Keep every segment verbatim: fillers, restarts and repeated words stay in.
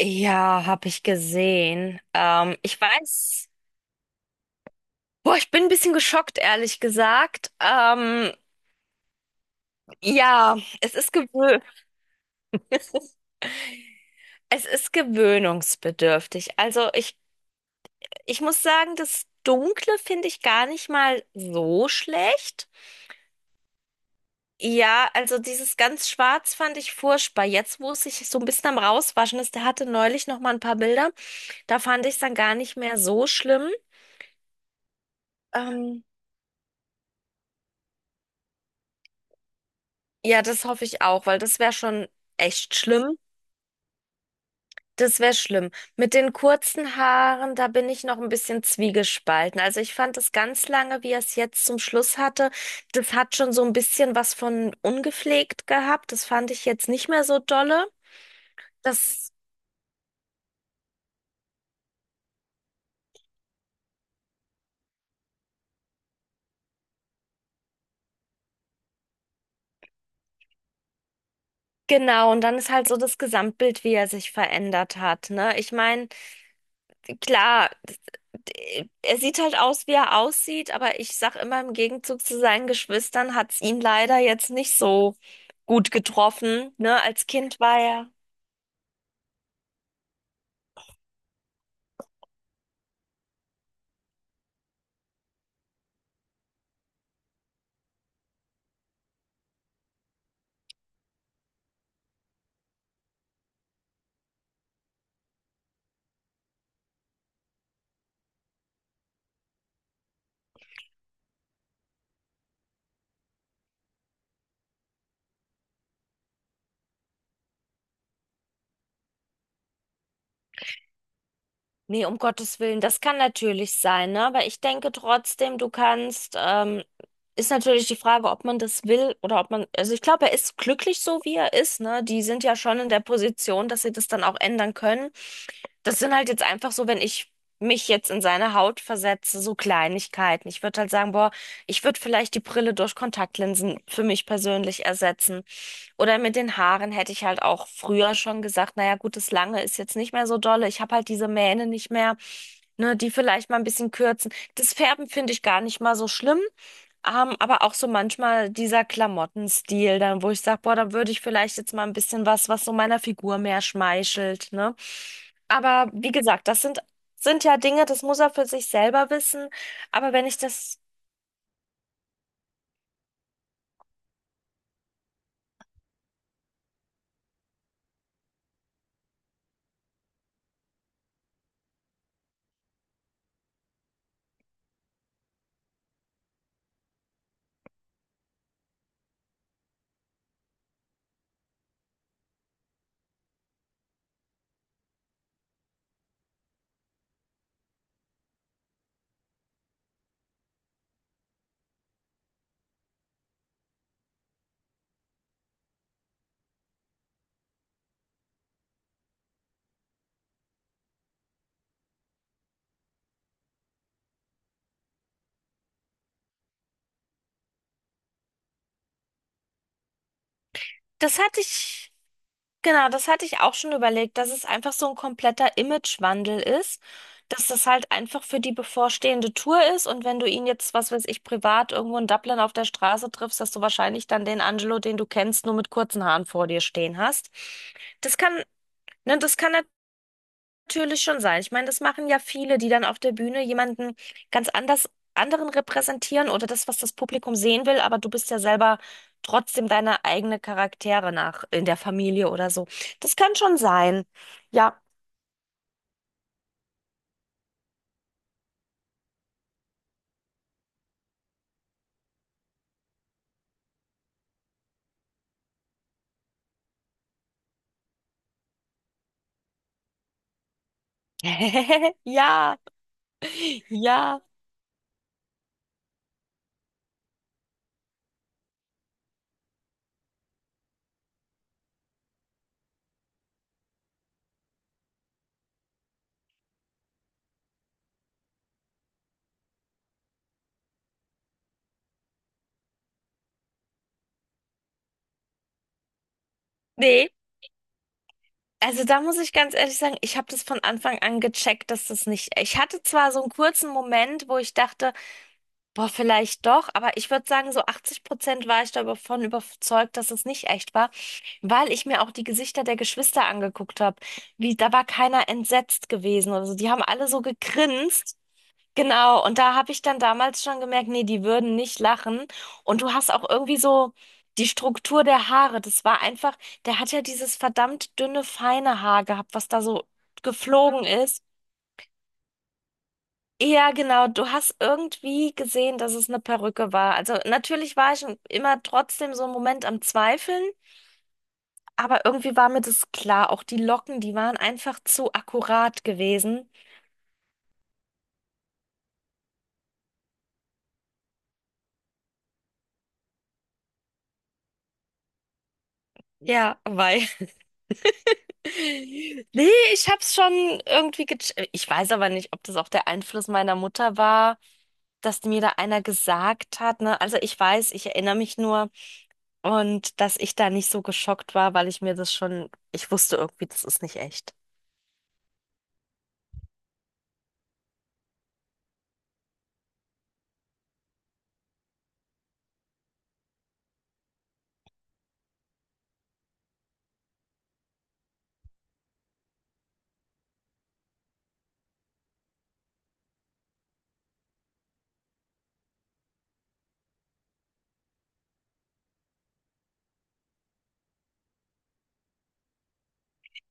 Ja, habe ich gesehen. Ähm, ich weiß, boah, ich bin ein bisschen geschockt, ehrlich gesagt. Ähm, ja, es ist gewö es ist gewöhnungsbedürftig. Also ich, ich muss sagen, das Dunkle finde ich gar nicht mal so schlecht. Ja, also dieses ganz Schwarz fand ich furchtbar. Jetzt, wo es sich so ein bisschen am Rauswaschen ist, der hatte neulich noch mal ein paar Bilder. Da fand ich es dann gar nicht mehr so schlimm. Ähm, ja, das hoffe ich auch, weil das wäre schon echt schlimm. Das wäre schlimm. Mit den kurzen Haaren, da bin ich noch ein bisschen zwiegespalten. Also ich fand es ganz lange, wie er es jetzt zum Schluss hatte, das hat schon so ein bisschen was von ungepflegt gehabt. Das fand ich jetzt nicht mehr so dolle. Das, genau, und dann ist halt so das Gesamtbild, wie er sich verändert hat, ne? Ich meine, klar, d- er sieht halt aus, wie er aussieht, aber ich sag immer, im Gegenzug zu seinen Geschwistern hat's ihn leider jetzt nicht so gut getroffen, ne? Als Kind war er. Nee, um Gottes Willen, das kann natürlich sein, ne? Aber ich denke trotzdem, du kannst, ähm, ist natürlich die Frage, ob man das will oder ob man, also ich glaube, er ist glücklich so, wie er ist, ne? Die sind ja schon in der Position, dass sie das dann auch ändern können. Das sind halt jetzt einfach so, wenn ich mich jetzt in seine Haut versetze, so Kleinigkeiten. Ich würde halt sagen, boah, ich würde vielleicht die Brille durch Kontaktlinsen für mich persönlich ersetzen. Oder mit den Haaren hätte ich halt auch früher schon gesagt, naja, gut, das Lange ist jetzt nicht mehr so dolle. Ich habe halt diese Mähne nicht mehr, ne, die vielleicht mal ein bisschen kürzen. Das Färben finde ich gar nicht mal so schlimm. Ähm, aber auch so manchmal dieser Klamottenstil, dann, wo ich sage, boah, dann würde ich vielleicht jetzt mal ein bisschen was, was so meiner Figur mehr schmeichelt, ne? Aber wie gesagt, das sind, sind ja Dinge, das muss er für sich selber wissen. Aber wenn ich das, das hatte ich. Genau, das hatte ich auch schon überlegt, dass es einfach so ein kompletter Imagewandel ist, dass das halt einfach für die bevorstehende Tour ist und wenn du ihn jetzt, was weiß ich, privat irgendwo in Dublin auf der Straße triffst, dass du wahrscheinlich dann den Angelo, den du kennst, nur mit kurzen Haaren vor dir stehen hast. Das kann, ne, das kann natürlich schon sein. Ich meine, das machen ja viele, die dann auf der Bühne jemanden ganz anders, anderen repräsentieren oder das, was das Publikum sehen will, aber du bist ja selber trotzdem deine eigene Charaktere nach in der Familie oder so. Das kann schon sein. Ja. Ja. Ja. Nee. Also da muss ich ganz ehrlich sagen, ich habe das von Anfang an gecheckt, dass das nicht. Ich hatte zwar so einen kurzen Moment, wo ich dachte, boah, vielleicht doch, aber ich würde sagen, so achtzig Prozent war ich davon überzeugt, dass es nicht echt war, weil ich mir auch die Gesichter der Geschwister angeguckt habe. Wie, da war keiner entsetzt gewesen oder so. Die haben alle so gegrinst. Genau, und da habe ich dann damals schon gemerkt, nee, die würden nicht lachen. Und du hast auch irgendwie so die Struktur der Haare. Das war einfach, der hat ja dieses verdammt dünne, feine Haar gehabt, was da so geflogen ist. Ja, genau. Du hast irgendwie gesehen, dass es eine Perücke war. Also natürlich war ich immer trotzdem so einen Moment am Zweifeln, aber irgendwie war mir das klar. Auch die Locken, die waren einfach zu akkurat gewesen. Ja, weil. Nee, ich hab's schon irgendwie gecheckt. Ich weiß aber nicht, ob das auch der Einfluss meiner Mutter war, dass mir da einer gesagt hat, ne? Also ich weiß, ich erinnere mich nur und dass ich da nicht so geschockt war, weil ich mir das schon, ich wusste irgendwie, das ist nicht echt.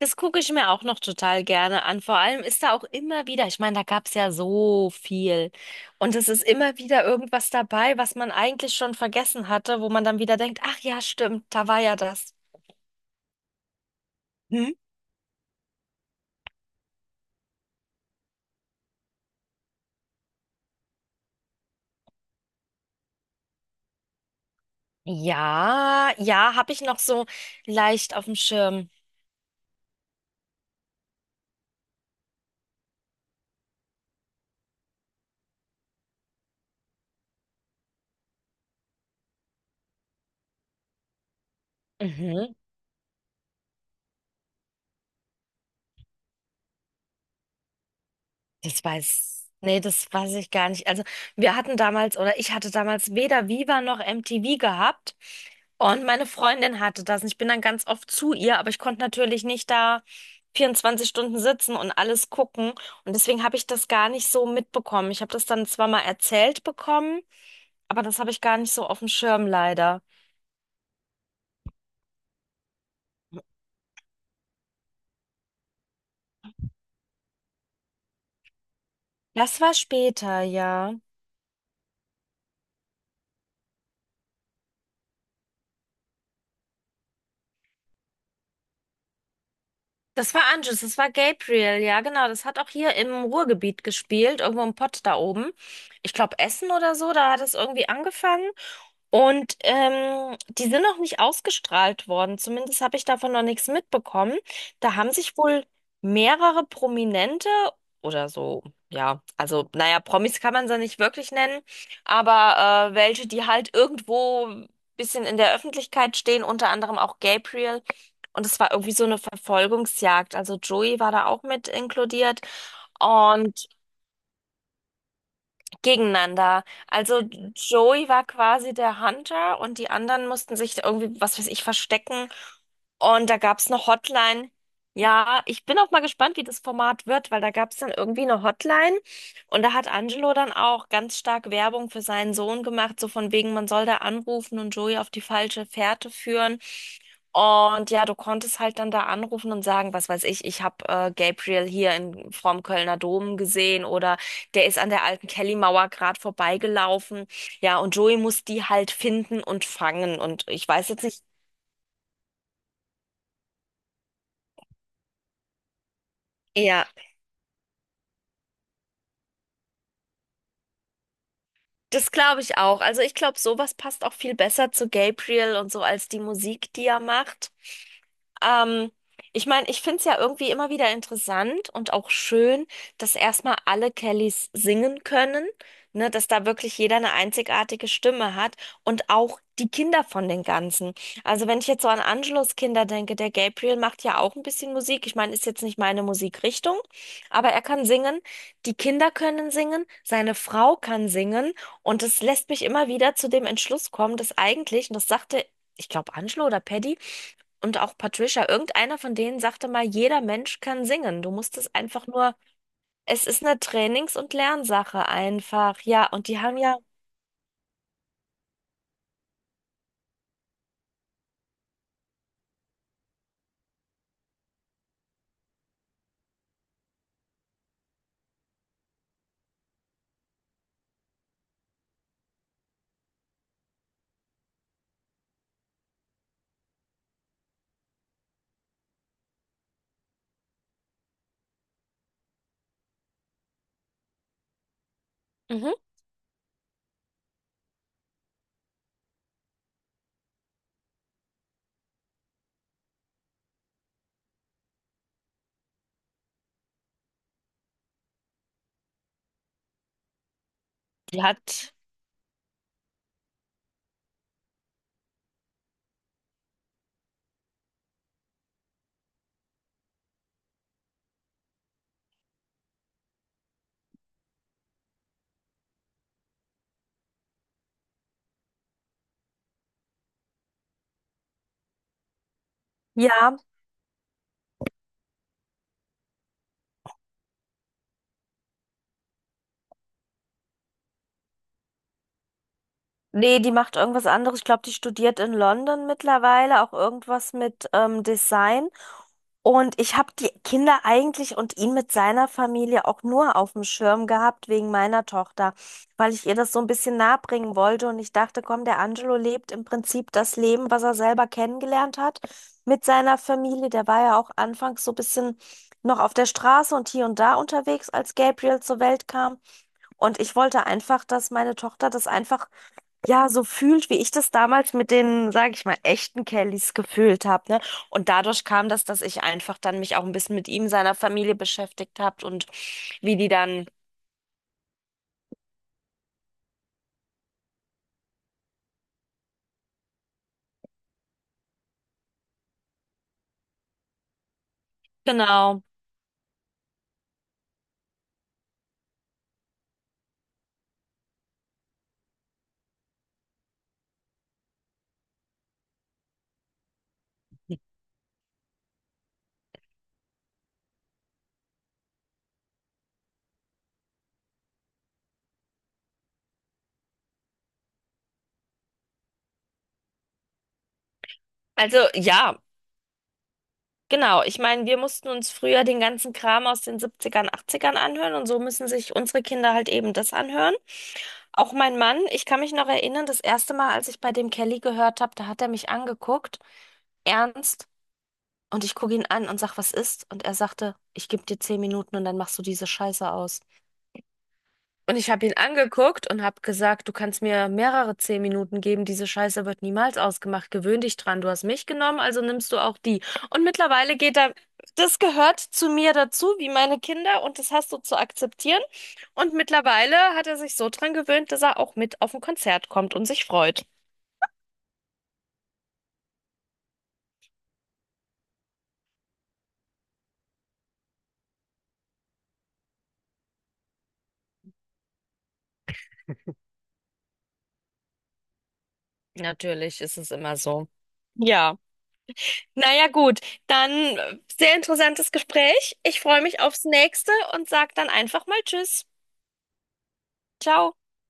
Das gucke ich mir auch noch total gerne an. Vor allem ist da auch immer wieder, ich meine, da gab's ja so viel. Und es ist immer wieder irgendwas dabei, was man eigentlich schon vergessen hatte, wo man dann wieder denkt, ach ja, stimmt, da war ja das. Hm? Ja, ja, habe ich noch so leicht auf dem Schirm. Mhm. Das weiß, nee, das weiß ich gar nicht. Also wir hatten damals oder ich hatte damals weder Viva noch M T V gehabt und meine Freundin hatte das. Und ich bin dann ganz oft zu ihr, aber ich konnte natürlich nicht da vierundzwanzig Stunden sitzen und alles gucken. Und deswegen habe ich das gar nicht so mitbekommen. Ich habe das dann zwar mal erzählt bekommen, aber das habe ich gar nicht so auf dem Schirm leider. Das war später, ja. Das war Anjus, das war Gabriel, ja, genau. Das hat auch hier im Ruhrgebiet gespielt, irgendwo im Pott da oben. Ich glaube, Essen oder so, da hat es irgendwie angefangen. Und ähm, die sind noch nicht ausgestrahlt worden. Zumindest habe ich davon noch nichts mitbekommen. Da haben sich wohl mehrere Prominente oder so, ja, also naja, Promis kann man sie nicht wirklich nennen, aber äh, welche, die halt irgendwo ein bisschen in der Öffentlichkeit stehen, unter anderem auch Gabriel. Und es war irgendwie so eine Verfolgungsjagd. Also Joey war da auch mit inkludiert. Und Gegeneinander. Also Joey war quasi der Hunter und die anderen mussten sich irgendwie, was weiß ich, verstecken und da gab es eine Hotline. Ja, ich bin auch mal gespannt, wie das Format wird, weil da gab es dann irgendwie eine Hotline und da hat Angelo dann auch ganz stark Werbung für seinen Sohn gemacht, so von wegen, man soll da anrufen und Joey auf die falsche Fährte führen. Und ja, du konntest halt dann da anrufen und sagen, was weiß ich, ich habe äh, Gabriel hier in, vorm Kölner Dom gesehen oder der ist an der alten Kellymauer gerade vorbeigelaufen. Ja, und Joey muss die halt finden und fangen und ich weiß jetzt nicht. Ja. Das glaube ich auch. Also ich glaube, sowas passt auch viel besser zu Gabriel und so als die Musik, die er macht. Ähm, Ich meine, ich finde es ja irgendwie immer wieder interessant und auch schön, dass erstmal alle Kellys singen können, ne, dass da wirklich jeder eine einzigartige Stimme hat und auch die Kinder von den Ganzen. Also wenn ich jetzt so an Angelos Kinder denke, der Gabriel macht ja auch ein bisschen Musik. Ich meine, ist jetzt nicht meine Musikrichtung, aber er kann singen. Die Kinder können singen, seine Frau kann singen. Und das lässt mich immer wieder zu dem Entschluss kommen, dass eigentlich, und das sagte, ich glaube, Angelo oder Paddy und auch Patricia, irgendeiner von denen sagte mal, jeder Mensch kann singen. Du musst es einfach nur, es ist eine Trainings- und Lernsache einfach. Ja, und die haben ja. Mhm. die hat, ja, nee, die macht irgendwas anderes. Ich glaube, die studiert in London mittlerweile auch irgendwas mit ähm, Design. Und ich habe die Kinder eigentlich und ihn mit seiner Familie auch nur auf dem Schirm gehabt wegen meiner Tochter, weil ich ihr das so ein bisschen nahebringen wollte und ich dachte, komm, der Angelo lebt im Prinzip das Leben, was er selber kennengelernt hat mit seiner Familie. Der war ja auch anfangs so ein bisschen noch auf der Straße und hier und da unterwegs, als Gabriel zur Welt kam. Und ich wollte einfach, dass meine Tochter das einfach ja, so fühlt, wie ich das damals mit den, sage ich mal, echten Kellys gefühlt habe, ne? Und dadurch kam das, dass ich einfach dann mich auch ein bisschen mit ihm, seiner Familie beschäftigt habe und wie die dann, genau. Also ja, genau. Ich meine, wir mussten uns früher den ganzen Kram aus den Siebzigern, Achtzigern anhören und so müssen sich unsere Kinder halt eben das anhören. Auch mein Mann, ich kann mich noch erinnern, das erste Mal, als ich bei dem Kelly gehört habe, da hat er mich angeguckt. Ernst? Und ich gucke ihn an und sag, was ist? Und er sagte, ich gebe dir zehn Minuten und dann machst du diese Scheiße aus. Und ich habe ihn angeguckt und habe gesagt, du kannst mir mehrere zehn Minuten geben, diese Scheiße wird niemals ausgemacht. Gewöhn dich dran. Du hast mich genommen, also nimmst du auch die. Und mittlerweile geht er, das gehört zu mir dazu, wie meine Kinder, und das hast du zu akzeptieren. Und mittlerweile hat er sich so dran gewöhnt, dass er auch mit auf ein Konzert kommt und sich freut. Natürlich ist es immer so. Ja. Naja, gut, dann äh, sehr interessantes Gespräch. Ich freue mich aufs nächste und sag dann einfach mal Tschüss. Ciao.